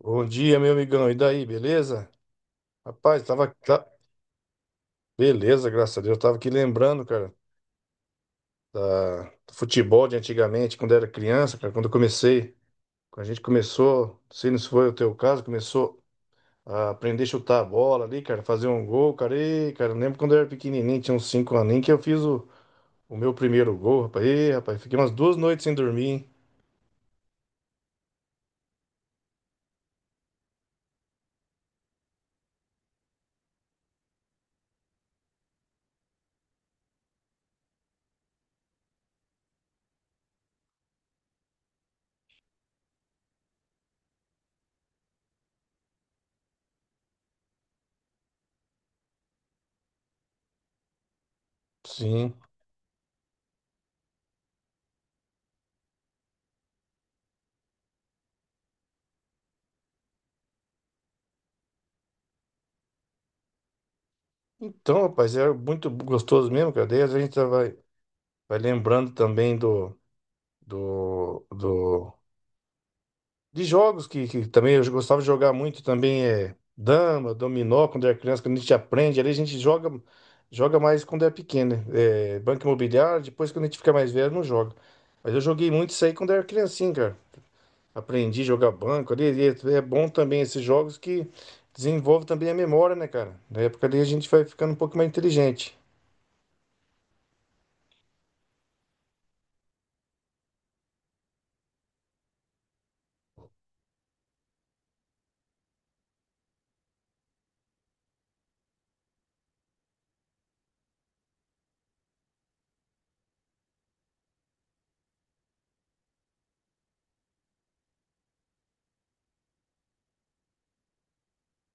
Bom dia, meu amigão. E daí, beleza? Rapaz, tava. Beleza, graças a Deus. Eu tava aqui lembrando, cara, do futebol de antigamente, quando era criança, cara, quando eu comecei. Quando a gente começou, não sei se foi o teu caso, começou a aprender a chutar a bola ali, cara, fazer um gol, cara. E, cara, eu lembro quando eu era pequenininho, tinha uns 5 aninhos, que eu fiz o meu primeiro gol, rapaz. E, rapaz, fiquei umas duas noites sem dormir, hein? Sim. Então, rapaz, era muito gostoso mesmo, cara. Daí a gente vai lembrando também do. Do, do de jogos que também eu gostava de jogar muito também é dama, dominó, quando era criança, quando a gente aprende, ali a gente joga mais quando é pequeno, né? É, banco imobiliário, depois quando a gente fica mais velho, não joga. Mas eu joguei muito isso aí quando era criancinha, cara. Aprendi a jogar banco ali, e é bom também esses jogos que desenvolve também a memória, né, cara? Na época ali a gente vai ficando um pouco mais inteligente.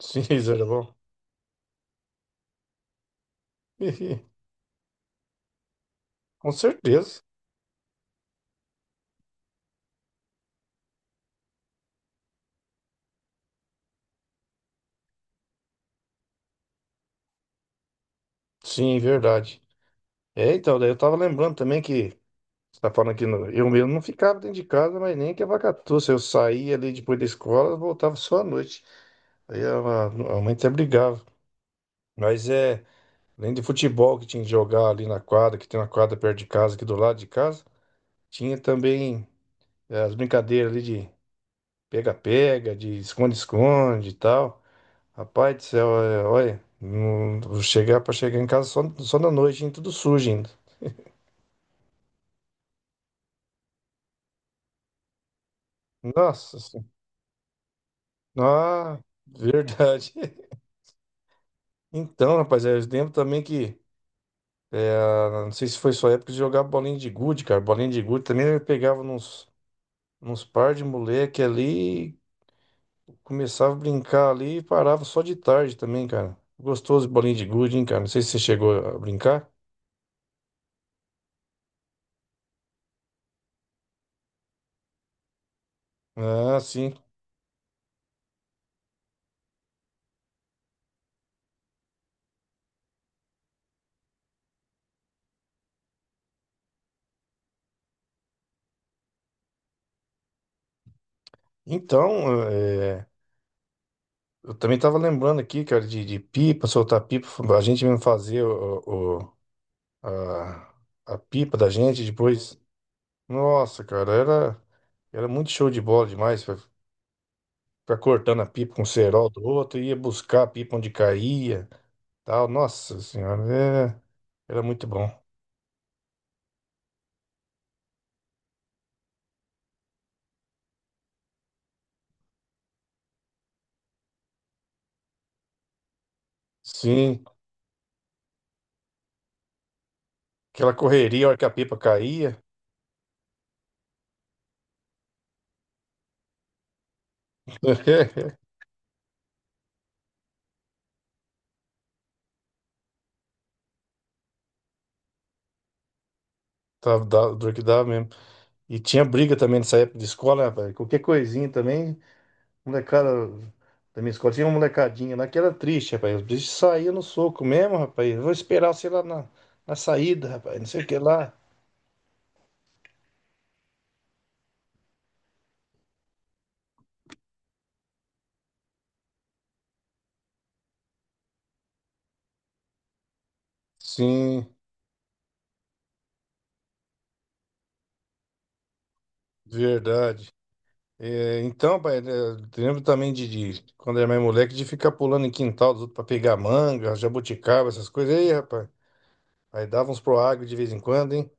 Sim, isso era bom. Com certeza. Sim, verdade. É, então, daí eu tava lembrando também que você tá falando que no- eu mesmo não ficava dentro de casa, mas nem que a vaca tussa. Eu saía ali depois da escola, voltava só à noite. Aí a mãe até brigava. Mas é, além de futebol que tinha que jogar ali na quadra, que tem uma quadra perto de casa, aqui do lado de casa, tinha também as brincadeiras ali de pega-pega, de esconde-esconde e tal. Rapaz do céu, é, olha, não, vou chegar para chegar em casa só na noite, hein, tudo sujo ainda. Nossa senhora. Ah, verdade. Então, rapaz, eu lembro também que, ah, não sei se foi sua época de jogar bolinha de gude, cara. Bolinha de gude também eu pegava nos par de moleque ali, começava a brincar ali e parava só de tarde também, cara. Gostoso bolinha de gude, hein, cara. Não sei se você chegou a brincar. Ah, sim. Então, eu também tava lembrando aqui, cara, de pipa, soltar pipa. A gente mesmo fazia a, a pipa da gente depois. Nossa, cara, era. Era muito show de bola demais. Ficar cortando a pipa com o cerol do outro, ia buscar a pipa onde caía, tal. Nossa senhora, é, era muito bom. Sim, aquela correria, a hora que a pipa caía, tava dor que dava mesmo. E tinha briga também nessa época de escola, né, rapaz? Qualquer coisinha também, molecada da minha escola, tinha uma molecadinha lá que era triste, rapaz. Os bichos saíam no soco mesmo, rapaz. Eu vou esperar, sei lá, na saída, rapaz, não sei o que lá. Sim, verdade. É, então, pai, né, eu lembro também de quando era mais moleque, de ficar pulando em quintal dos outros pra pegar manga, jabuticaba, essas coisas. E aí, rapaz, aí dava uns pro agro de vez em quando, hein?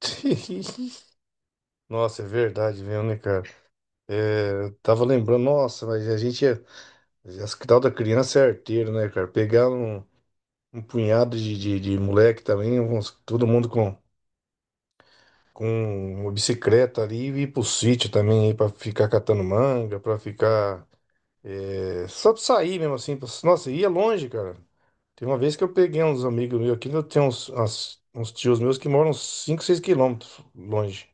Nossa, é verdade mesmo, né, cara? É, eu tava lembrando, nossa, mas a gente é. As que tal da criança é arteiro, né, cara? Pegar um punhado de moleque também, todo mundo com uma bicicleta ali e ir pro sítio também, aí pra ficar catando manga, pra ficar. É, só pra sair mesmo assim. Nossa, ia longe, cara. Tem uma vez que eu peguei uns amigos meus aqui, eu tenho uns tios meus que moram uns 5, 6 quilômetros longe.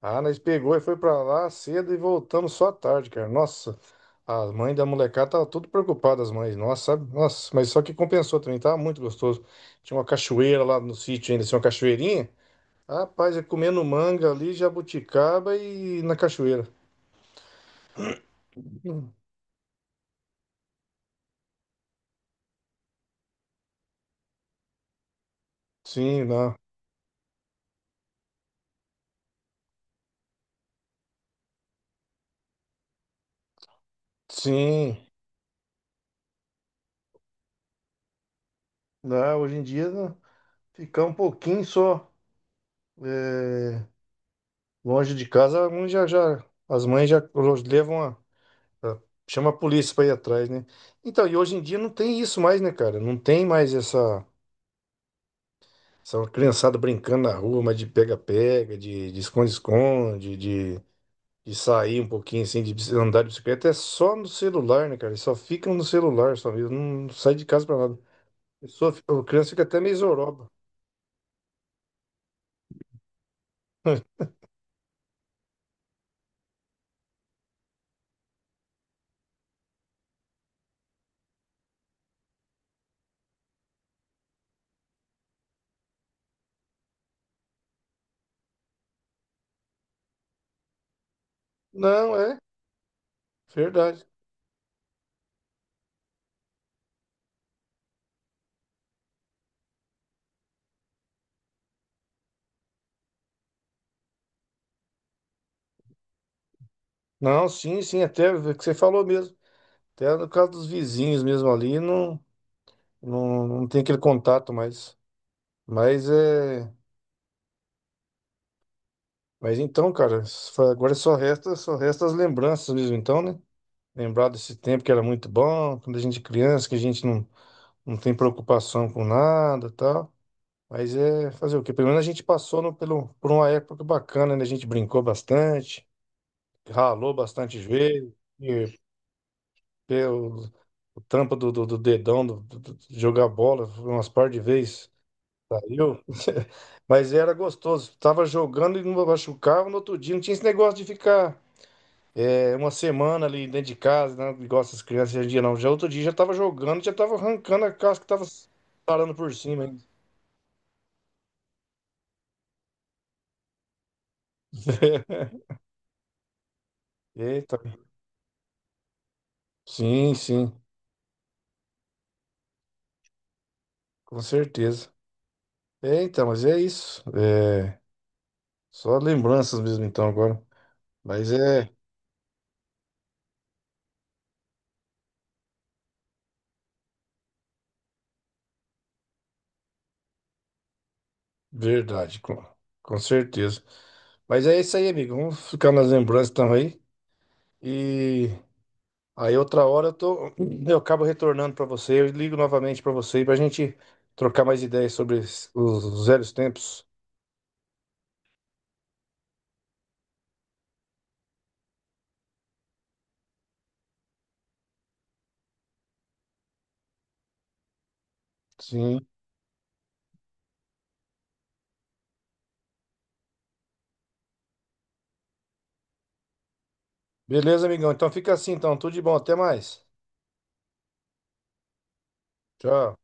Ah, nós pegou e foi pra lá cedo e voltamos só à tarde, cara. Nossa, as mães da molecada tava tudo preocupadas, as mães. Nossa, sabe? Nossa, mas só que compensou também, tava muito gostoso. Tinha uma cachoeira lá no sítio ainda, tinha uma cachoeirinha. Rapaz, ia comendo manga ali, jabuticaba e na cachoeira. Hum, Sim, não. Sim. Não, hoje em dia. Não. Ficar um pouquinho só é, longe de casa, alguns já, as mães já levam a- chama a polícia para ir atrás, né? Então, e hoje em dia não tem isso mais, né, cara? Não tem mais essa criançada brincando na rua, mas de pega-pega, de esconde-esconde, de sair um pouquinho assim, andar de bicicleta. É só no celular, né, cara? Eles só ficam no celular, só mesmo. Não sai de casa para nada. A pessoa, a criança fica até meio zoroba. Não, é verdade. Não, sim, sim, até o que você falou mesmo. Até no caso dos vizinhos mesmo ali, não tem aquele contato mais. Mas é. Mas então, cara, agora só resta as lembranças mesmo, então, né? Lembrar desse tempo que era muito bom, quando a gente é criança, que a gente não tem preocupação com nada e tal. Mas é fazer o quê? Pelo menos a gente passou por uma época bacana, né? A gente brincou bastante, ralou bastante joelho, e pelo, o trampo do dedão, de jogar bola, umas par de vezes. Saiu? Mas era gostoso. Tava jogando e não machucava no outro dia. Não tinha esse negócio de ficar uma semana ali dentro de casa, né? Igual essas crianças hoje em dia, não. Já outro dia já tava jogando, já tava arrancando a casca que tava parando por cima ainda. Eita. Sim, sim, com certeza. É, então, mas é isso. É, só lembranças mesmo, então, agora. Mas é verdade, com certeza. Mas é isso aí, amigo. Vamos ficar nas lembranças então aí. E. Aí outra hora eu tô, eu acabo retornando para você, eu ligo novamente para você para a gente trocar mais ideias sobre os velhos tempos. Sim. Beleza, amigão? Então fica assim, então. Tudo de bom, até mais. Tchau.